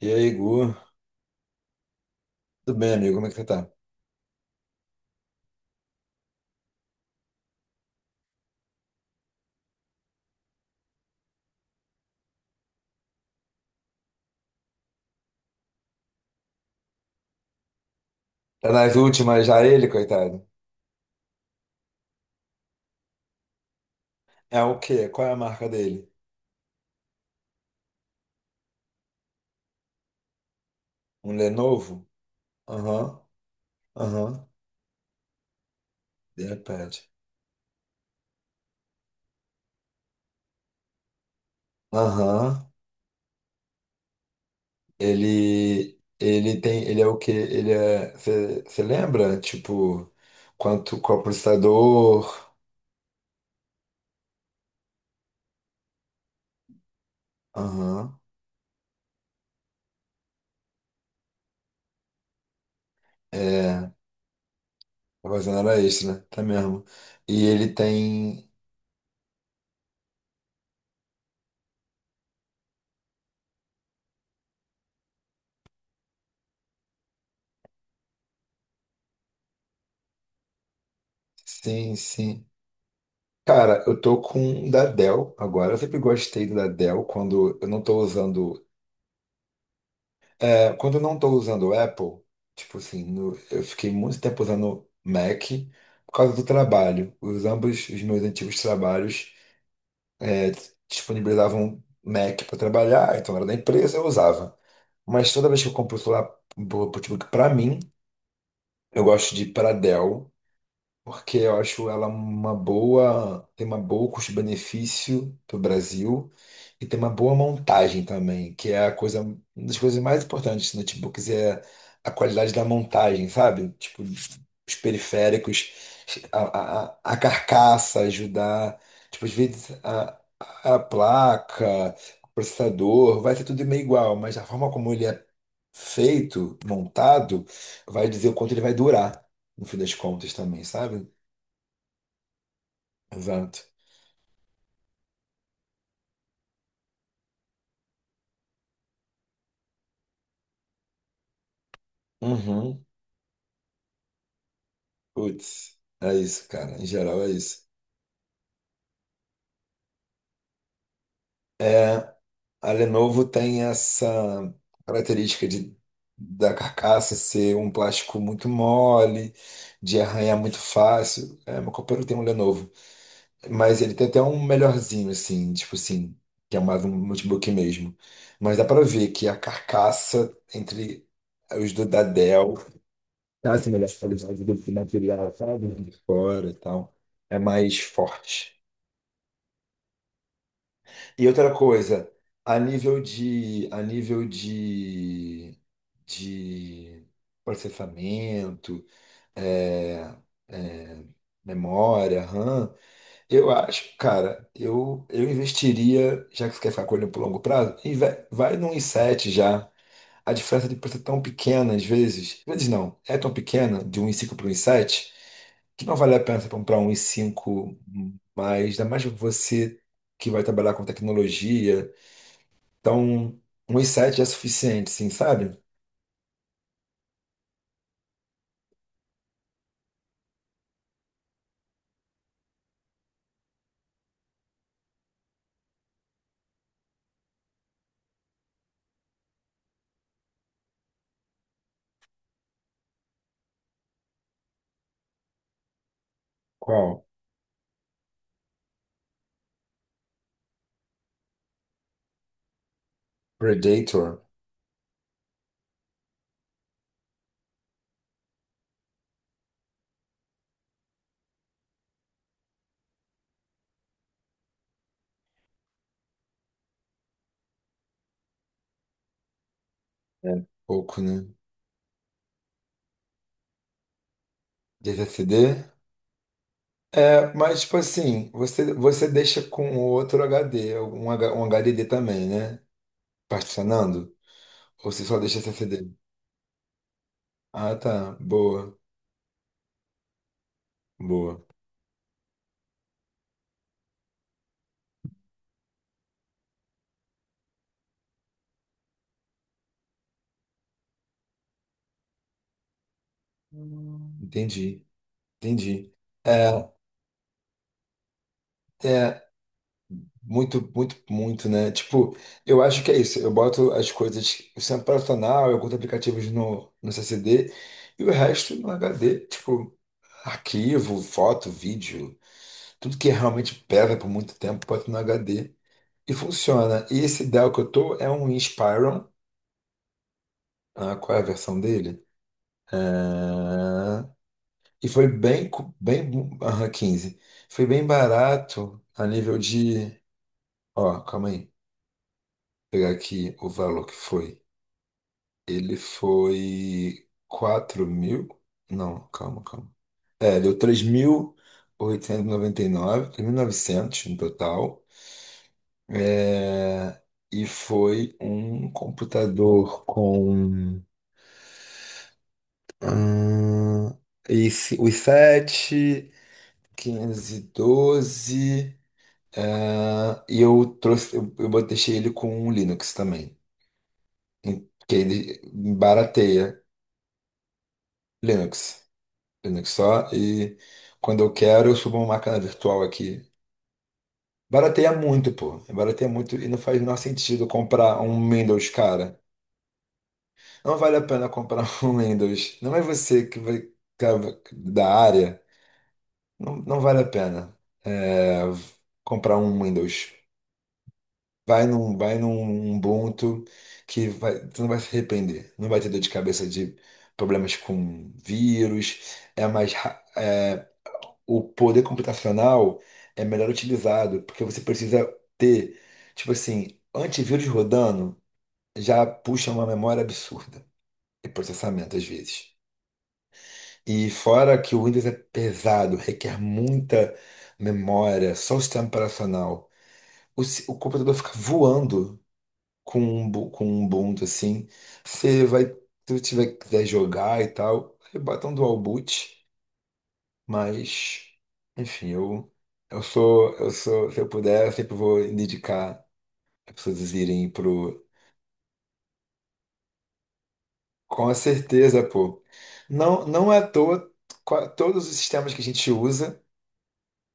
E aí, Gu? Tudo bem, amigo? Como é que você tá? Tá nas últimas já ele, coitado? É o quê? Qual é a marca dele? Um Lenovo? Aham, aham. De repente. Aham. Ele tem, ele é o quê? Ele é, você lembra? Tipo, quanto, qual processador? Aham. É, a fazenda era extra, né? Tá mesmo. E ele tem, sim, sim. Cara, eu tô com um da Dell agora. Eu sempre gostei da Dell quando eu não tô usando. Quando eu não tô usando o Apple, tipo assim, eu fiquei muito tempo usando Mac por causa do trabalho. Os ambos os meus antigos trabalhos é, disponibilizavam Mac para trabalhar, então era da empresa, eu usava. Mas toda vez que eu compro o celular, um notebook pra mim, eu gosto de ir pra Dell, porque eu acho ela uma boa, tem uma boa custo-benefício para o Brasil e tem uma boa montagem também, que é a coisa, uma das coisas mais importantes dos notebooks é a qualidade da montagem, sabe? Tipo, os periféricos, a carcaça ajudar, tipo, às vezes a placa, o processador, vai ser tudo meio igual, mas a forma como ele é feito, montado, vai dizer o quanto ele vai durar, no fim das contas também, sabe? Exato. Uhum. Putz, é isso, cara. Em geral é isso. A Lenovo tem essa característica de, da carcaça ser um plástico muito mole, de arranhar muito fácil. É, meu companheiro tem um Lenovo. Mas ele tem até um melhorzinho, assim, tipo assim, que é mais um notebook mesmo. Mas dá pra ver que a carcaça entre os do da Dell tá assim, melhor qualidade do que material, sabe? De fora e tal. É mais forte. E outra coisa, a nível de processamento, é, é, memória, RAM, eu acho, cara, eu investiria, já que você quer ficar com ele por longo prazo, e vai, vai num i7 já. A diferença de preço é tão pequena, às vezes não, é tão pequena, de um i5 para um i7, que não vale a pena você comprar um i5 mais, ainda mais você que vai trabalhar com tecnologia, então, uns sete é suficiente, sim, sabe? Qual? Predator. É. Pouco, né? DVCD. É, mas, tipo assim, você deixa com outro HD, um, um HDD também, né? Particionando? Ou você só deixa SSD? Ah, tá. Boa, boa. Entendi, entendi. é é Muito, muito, muito, né? Tipo, eu acho que é isso. Eu boto as coisas, o centro operacional, eu curto aplicativos no C C D e o resto no H D. Tipo, arquivo, foto, vídeo, tudo que realmente pesa por muito tempo, boto no H D e funciona. E esse Dell que eu tô é um Inspiron, ah, qual é a versão dele? Ah, e foi bem, bem, aham, 15. Foi bem barato a nível de. Ó, calma aí. Vou pegar aqui o valor que foi. Ele foi 4.000. Não, calma, calma. É, deu três mil oitocentos e noventa e nove, 3.899, novecentos no total. É, e foi um computador com ah, os 7, 512. Ah, e eu trouxe, eu deixei ele com um Linux também, que ele barateia Linux. Linux só. E quando eu quero, eu subo uma máquina virtual aqui. Barateia muito, pô. Barateia muito e não faz o menor sentido comprar um Windows, cara. Não vale a pena comprar um Windows. Não é você que vai, que é da área. Não, não vale a pena é, comprar um Windows. Vai num Ubuntu que vai, tu não vai se arrepender. Não vai ter dor de cabeça de problemas com vírus. É mais, é, o poder computacional é melhor utilizado, porque você precisa ter, tipo assim, antivírus rodando já puxa uma memória absurda e processamento às vezes. E fora que o Windows é pesado, requer muita memória, só o sistema operacional. O, o computador fica voando com um, com um Ubuntu assim. Você vai, se você tiver, quiser jogar e tal, você bota um dual boot. Mas, enfim, se eu puder, eu sempre vou indicar as pessoas irem pro. Com certeza, pô. Não, não é à toa, todos os sistemas que a gente usa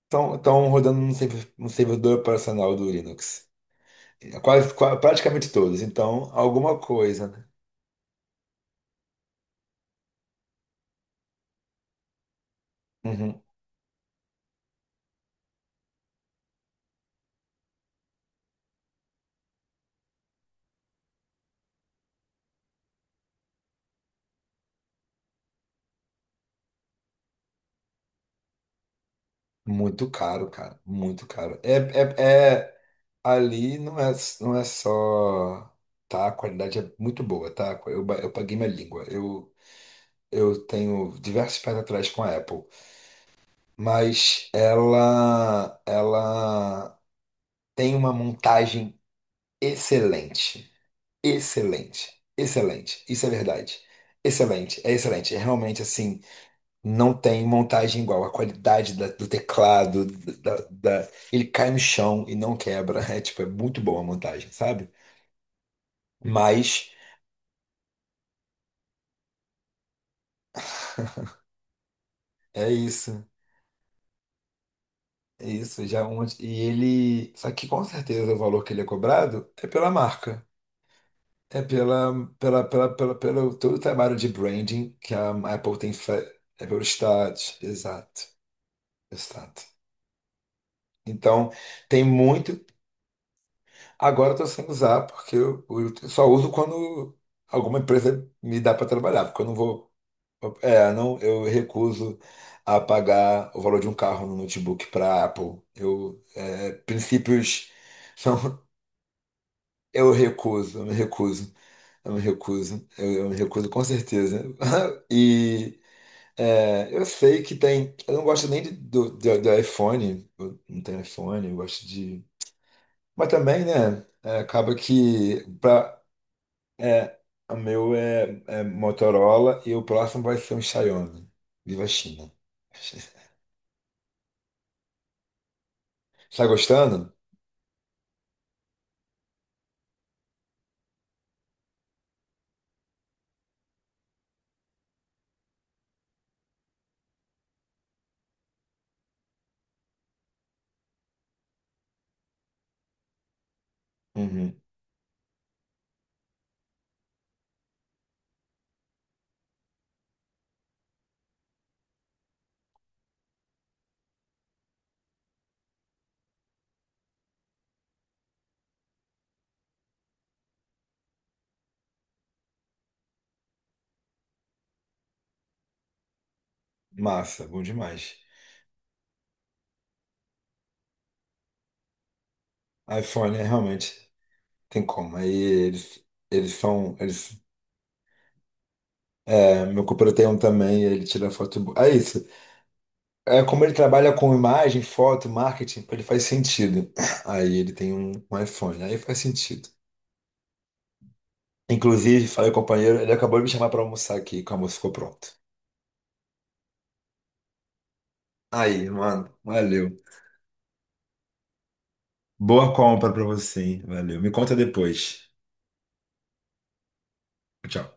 estão rodando no servidor operacional do Linux. É praticamente todos. Então, alguma coisa, né? Uhum. Muito caro, cara. Muito caro. Ali não é, não é só, tá? A qualidade é muito boa, tá? Eu paguei minha língua. Eu tenho diversos pés atrás com a Apple, mas ela tem uma montagem excelente, excelente, excelente. Isso é verdade. Excelente. É realmente assim, não tem montagem igual. A qualidade do teclado, ele cai no chão e não quebra. É tipo, é muito boa a montagem, sabe? Mas é isso, é isso. Já é um, e ele. Só que com certeza o valor que ele é cobrado é pela marca. É pela, pelo todo o trabalho de branding que a Apple tem feito. É pelo status. Exato, exato. Então, tem muito. Agora eu tô sem usar, porque eu só uso quando alguma empresa me dá para trabalhar, porque eu não vou. É, não, eu recuso a pagar o valor de um carro no notebook para Apple. Princípios são, eu me recuso, eu me recuso, eu me recuso com certeza. E é, eu sei que tem, eu não gosto nem do iPhone, eu não tenho iPhone, eu gosto de, mas também, né? é, acaba que para é, o meu é, é Motorola e o próximo vai ser um Xiaomi. Viva a China. Tá gostando? Uhum. Massa, bom demais. iPhone é realmente tem como. Aí eles, eles são. Eles, é, meu companheiro tem um também, ele tira foto boa. É isso. É como ele trabalha com imagem, foto, marketing, ele faz sentido. Aí ele tem um, um iPhone, aí faz sentido. Inclusive, falei com o companheiro, ele acabou de me chamar pra almoçar aqui, que o almoço ficou pronto. Aí, mano, valeu. Boa compra pra você, hein? Valeu. Me conta depois. Tchau.